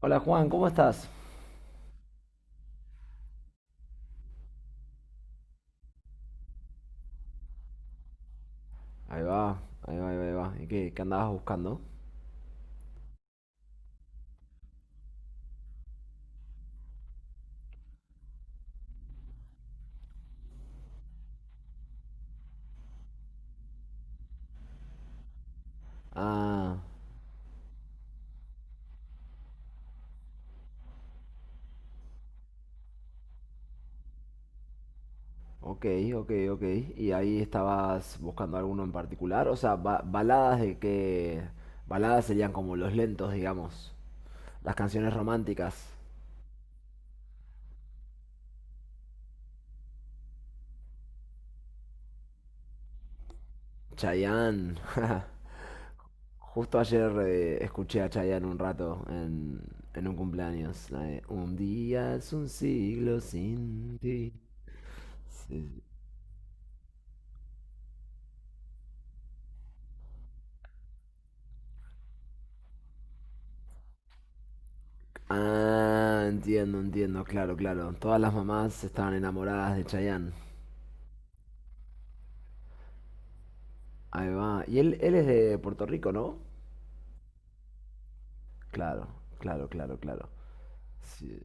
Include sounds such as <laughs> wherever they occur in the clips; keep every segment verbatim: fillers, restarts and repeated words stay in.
Hola Juan, ¿cómo estás? Ahí va, ahí va, ahí va, ahí va. ¿Y qué, qué andabas buscando? Ah, ok, ok, ok. ¿Y ahí estabas buscando alguno en particular? O sea, ba- baladas de qué. Baladas serían como los lentos, digamos. Las canciones románticas. Chayanne. <laughs> Justo ayer eh, escuché a Chayanne un rato en, en un cumpleaños. La de, un día es un siglo sin ti. Sí, sí, sí. Ah, entiendo, entiendo, claro, claro. Todas las mamás estaban enamoradas de Chayanne. Ahí va. Y él, él es de Puerto Rico, ¿no? Claro, claro, claro, claro. Sí.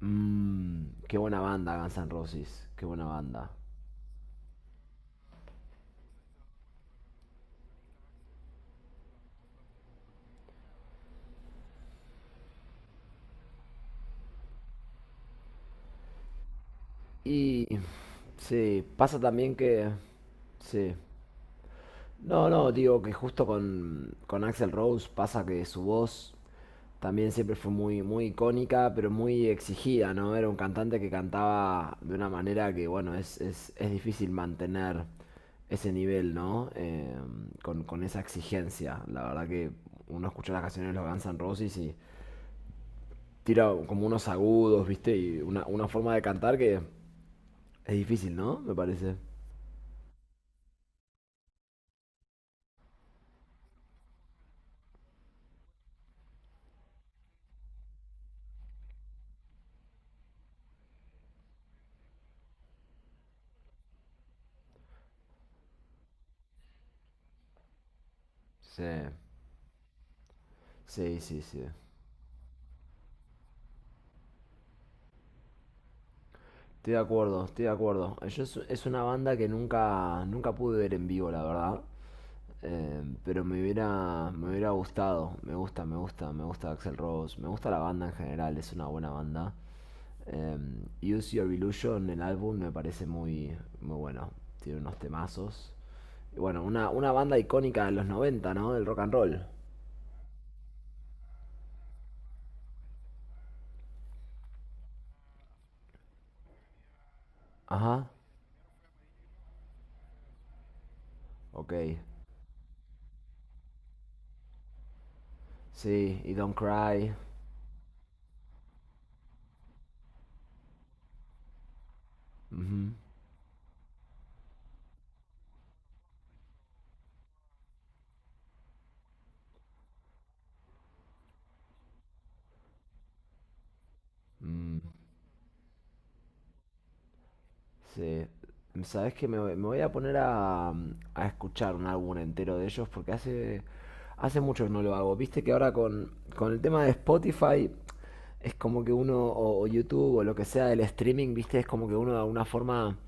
Mm, qué buena banda, Guns N' Roses. Qué buena banda. Y sí, pasa también que. Sí. No, no, digo que justo con, con Axl Rose pasa que su voz también siempre fue muy, muy icónica, pero muy exigida, ¿no? Era un cantante que cantaba de una manera que, bueno, es, es, es difícil mantener ese nivel, ¿no? Eh, con, con esa exigencia. La verdad que uno escucha las canciones de los Guns N' Roses y tira como unos agudos, ¿viste? Y una, una forma de cantar que es difícil, ¿no? Me parece. Sí, sí, sí, sí. Estoy de acuerdo, estoy de acuerdo. Yo es, es una banda que nunca, nunca pude ver en vivo, la verdad. Eh, pero me hubiera, me hubiera gustado. Me gusta, me gusta, me gusta Axel Rose. Me gusta la banda en general, es una buena banda. Eh, Use Your Illusion, el álbum, me parece muy, muy bueno. Tiene unos temazos. Y bueno, una, una banda icónica de los noventa, ¿no? Del rock and roll. Ajá, ok. Sí, y Don't Cry. Ujú. Mm. Sí. Sabes que me, me voy a poner a, a escuchar un álbum entero de ellos porque hace, hace mucho que no lo hago. Viste que ahora con, con el tema de Spotify es como que uno, o, o YouTube o lo que sea del streaming, viste, es como que uno de alguna forma,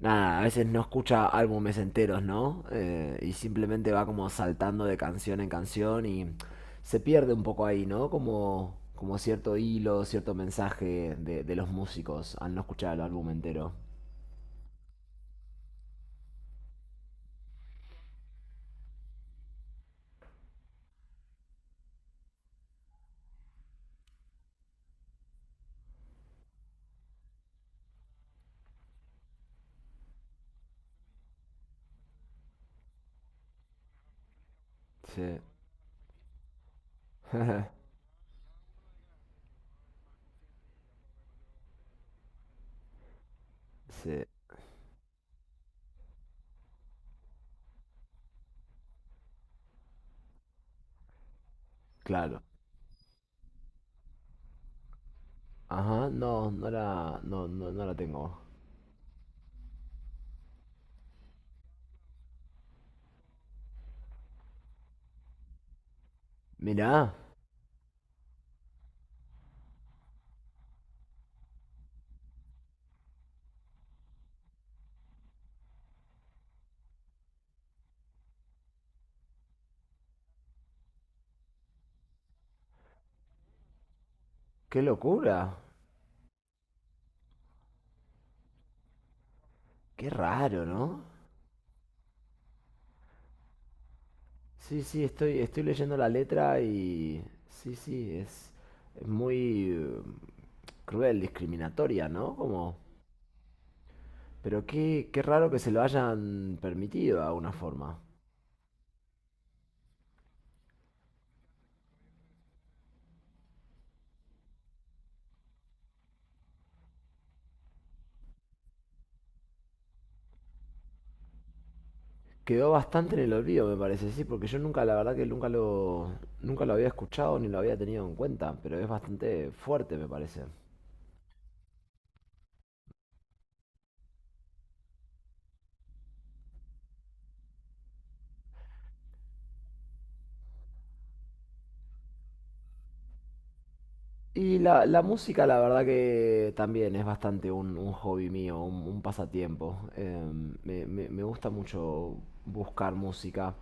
nada, a veces no escucha álbumes enteros, ¿no? Eh, y simplemente va como saltando de canción en canción y se pierde un poco ahí, ¿no? Como, como cierto hilo, cierto mensaje de, de los músicos al no escuchar el álbum entero. Sí. <laughs> Sí, claro. Ajá, no, no la, no, no, no la tengo. Mirá, qué locura. Qué raro, ¿no? Sí, sí, estoy, estoy leyendo la letra y. Sí, sí, es, es muy eh, cruel, discriminatoria, ¿no? Como. Pero qué, qué raro que se lo hayan permitido de alguna forma. Quedó bastante en el olvido, me parece, sí, porque yo nunca, la verdad que nunca lo, nunca lo había escuchado ni lo había tenido en cuenta, pero es bastante fuerte, me parece. Y la, la música, la verdad que también es bastante un, un hobby mío, un, un pasatiempo. Em, me, me- me gusta mucho buscar música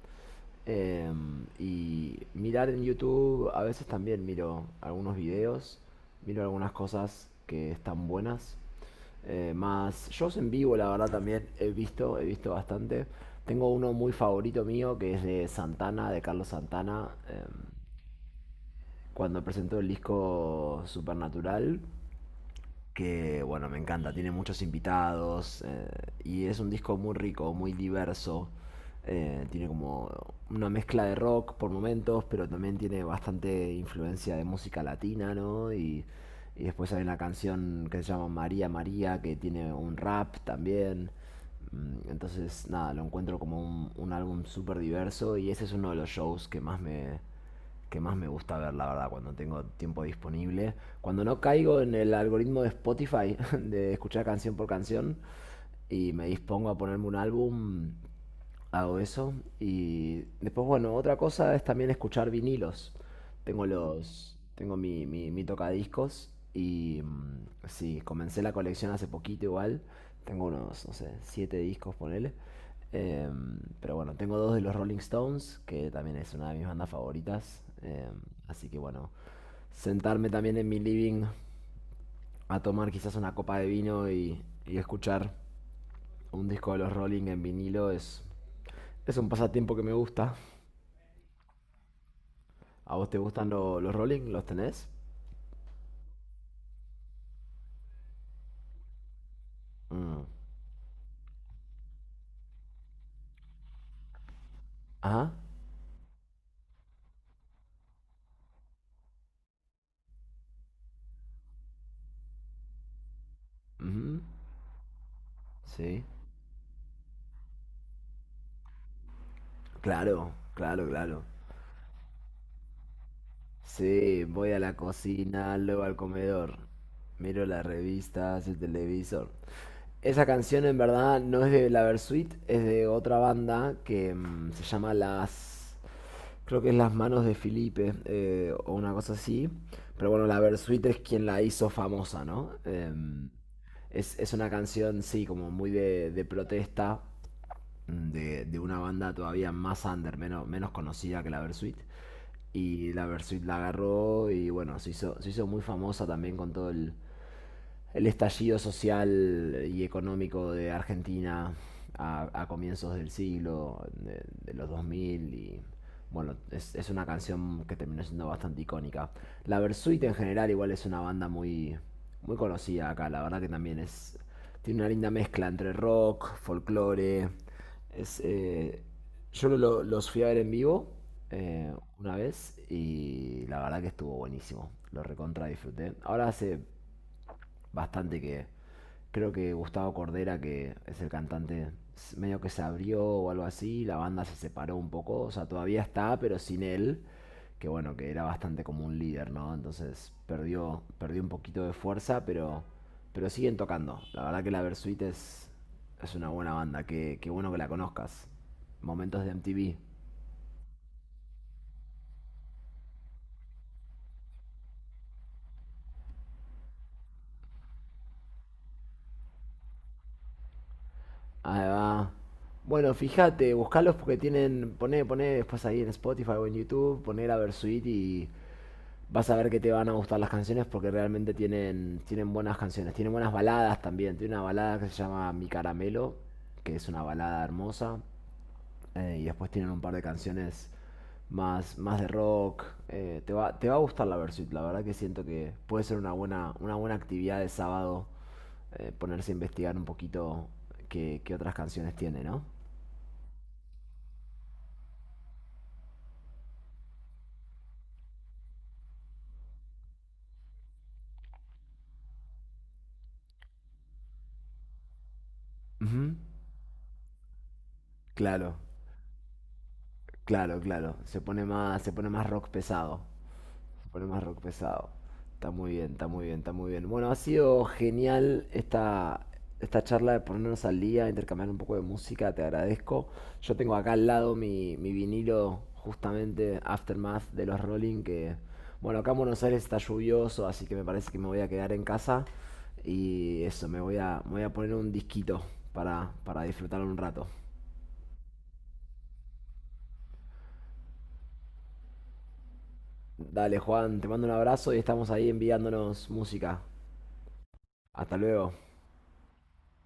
em, y mirar en YouTube. A veces también miro algunos videos, miro algunas cosas que están buenas. Eh, más shows en vivo, la verdad también he visto, he visto bastante. Tengo uno muy favorito mío que es de Santana, de Carlos Santana. Em, cuando presentó el disco Supernatural, que bueno, me encanta, tiene muchos invitados eh, y es un disco muy rico, muy diverso. Eh, tiene como una mezcla de rock por momentos, pero también tiene bastante influencia de música latina, ¿no? Y y después hay una canción que se llama María María, que tiene un rap también. Mm, entonces, nada, lo encuentro como un, un álbum súper diverso y ese es uno de los shows que más me, que más me gusta ver, la verdad, cuando tengo tiempo disponible. Cuando no caigo en el algoritmo de Spotify <laughs> de escuchar canción por canción y me dispongo a ponerme un álbum, hago eso. Y después, bueno, otra cosa es también escuchar vinilos. Tengo los, tengo mi, mi, mi tocadiscos y mm, sí, comencé la colección hace poquito igual. Tengo unos, no sé, siete discos, ponele. Em, pero bueno, tengo dos de los Rolling Stones, que también es una de mis bandas favoritas. Em, así que bueno, sentarme también en mi living a tomar quizás una copa de vino y, y escuchar un disco de los Rolling en vinilo es es un pasatiempo que me gusta. ¿A vos te gustan lo- los rolling? ¿Los tenés? Mm. Ajá. Ujú. Sí. Claro, claro, claro. Sí, voy a la cocina, luego al comedor. Miro las revistas, el televisor. Esa canción en verdad no es de La Versuit, es de otra banda que mm, se llama Las. Creo que es Las manos de Felipe eh, o una cosa así. Pero bueno, la Versuite es quien la hizo famosa, ¿no? Em, es, es una canción, sí, como muy de, de protesta mm, de, de una banda todavía más under, menos, menos conocida que la Versuit. Y la Versuit la agarró y bueno, se hizo, se hizo muy famosa también con todo el, el estallido social y económico de Argentina a, a comienzos del siglo, de, de los dos mil y bueno, es, es, una canción que terminó siendo bastante icónica. La Versuit en general igual es una banda muy, muy conocida acá, la verdad que también es. Tiene una linda mezcla entre rock, folclore. Es, eh, yo lo, los fui a ver en vivo eh, una vez y la verdad que estuvo buenísimo. Lo recontra disfruté. Ahora hace bastante que creo que Gustavo Cordera, que es el cantante, s- medio que se abrió o algo así, la banda se separó un poco, o sea, todavía está, pero sin él, que bueno, que era bastante como un líder, ¿no? Entonces perdió, perdió un poquito de fuerza, pero, pero siguen tocando. La verdad que la Versuit es, es una buena banda, qué qué bueno que la conozcas. Momentos de M T V. Ahí va. Bueno, fíjate, buscalos porque tienen, poné, poné después ahí en Spotify o en YouTube, poné la Versuit y vas a ver que te van a gustar las canciones porque realmente tienen, tienen buenas canciones, tienen buenas baladas también. Tiene una balada que se llama Mi Caramelo, que es una balada hermosa, eh, y después tienen un par de canciones más, más de rock. Eh, te va, te va a gustar la Versuit, la verdad que siento que puede ser una buena, una buena actividad de sábado, eh, ponerse a investigar un poquito qué, qué otras canciones tiene, ¿no? Ujú. Claro, claro, claro. Se pone más, se pone más rock pesado. Poner más rock pesado. Está muy bien, está muy bien, está muy bien. Bueno, ha sido genial esta, esta charla de ponernos al día, intercambiar un poco de música, te agradezco. Yo tengo acá al lado mi, mi vinilo, justamente Aftermath de los Rolling, que, bueno, acá en Buenos Aires está lluvioso, así que me parece que me voy a quedar en casa. Y eso, me voy a, me voy a poner un disquito para, para disfrutar un rato. Dale, Juan, te mando un abrazo y estamos ahí enviándonos música. Hasta luego.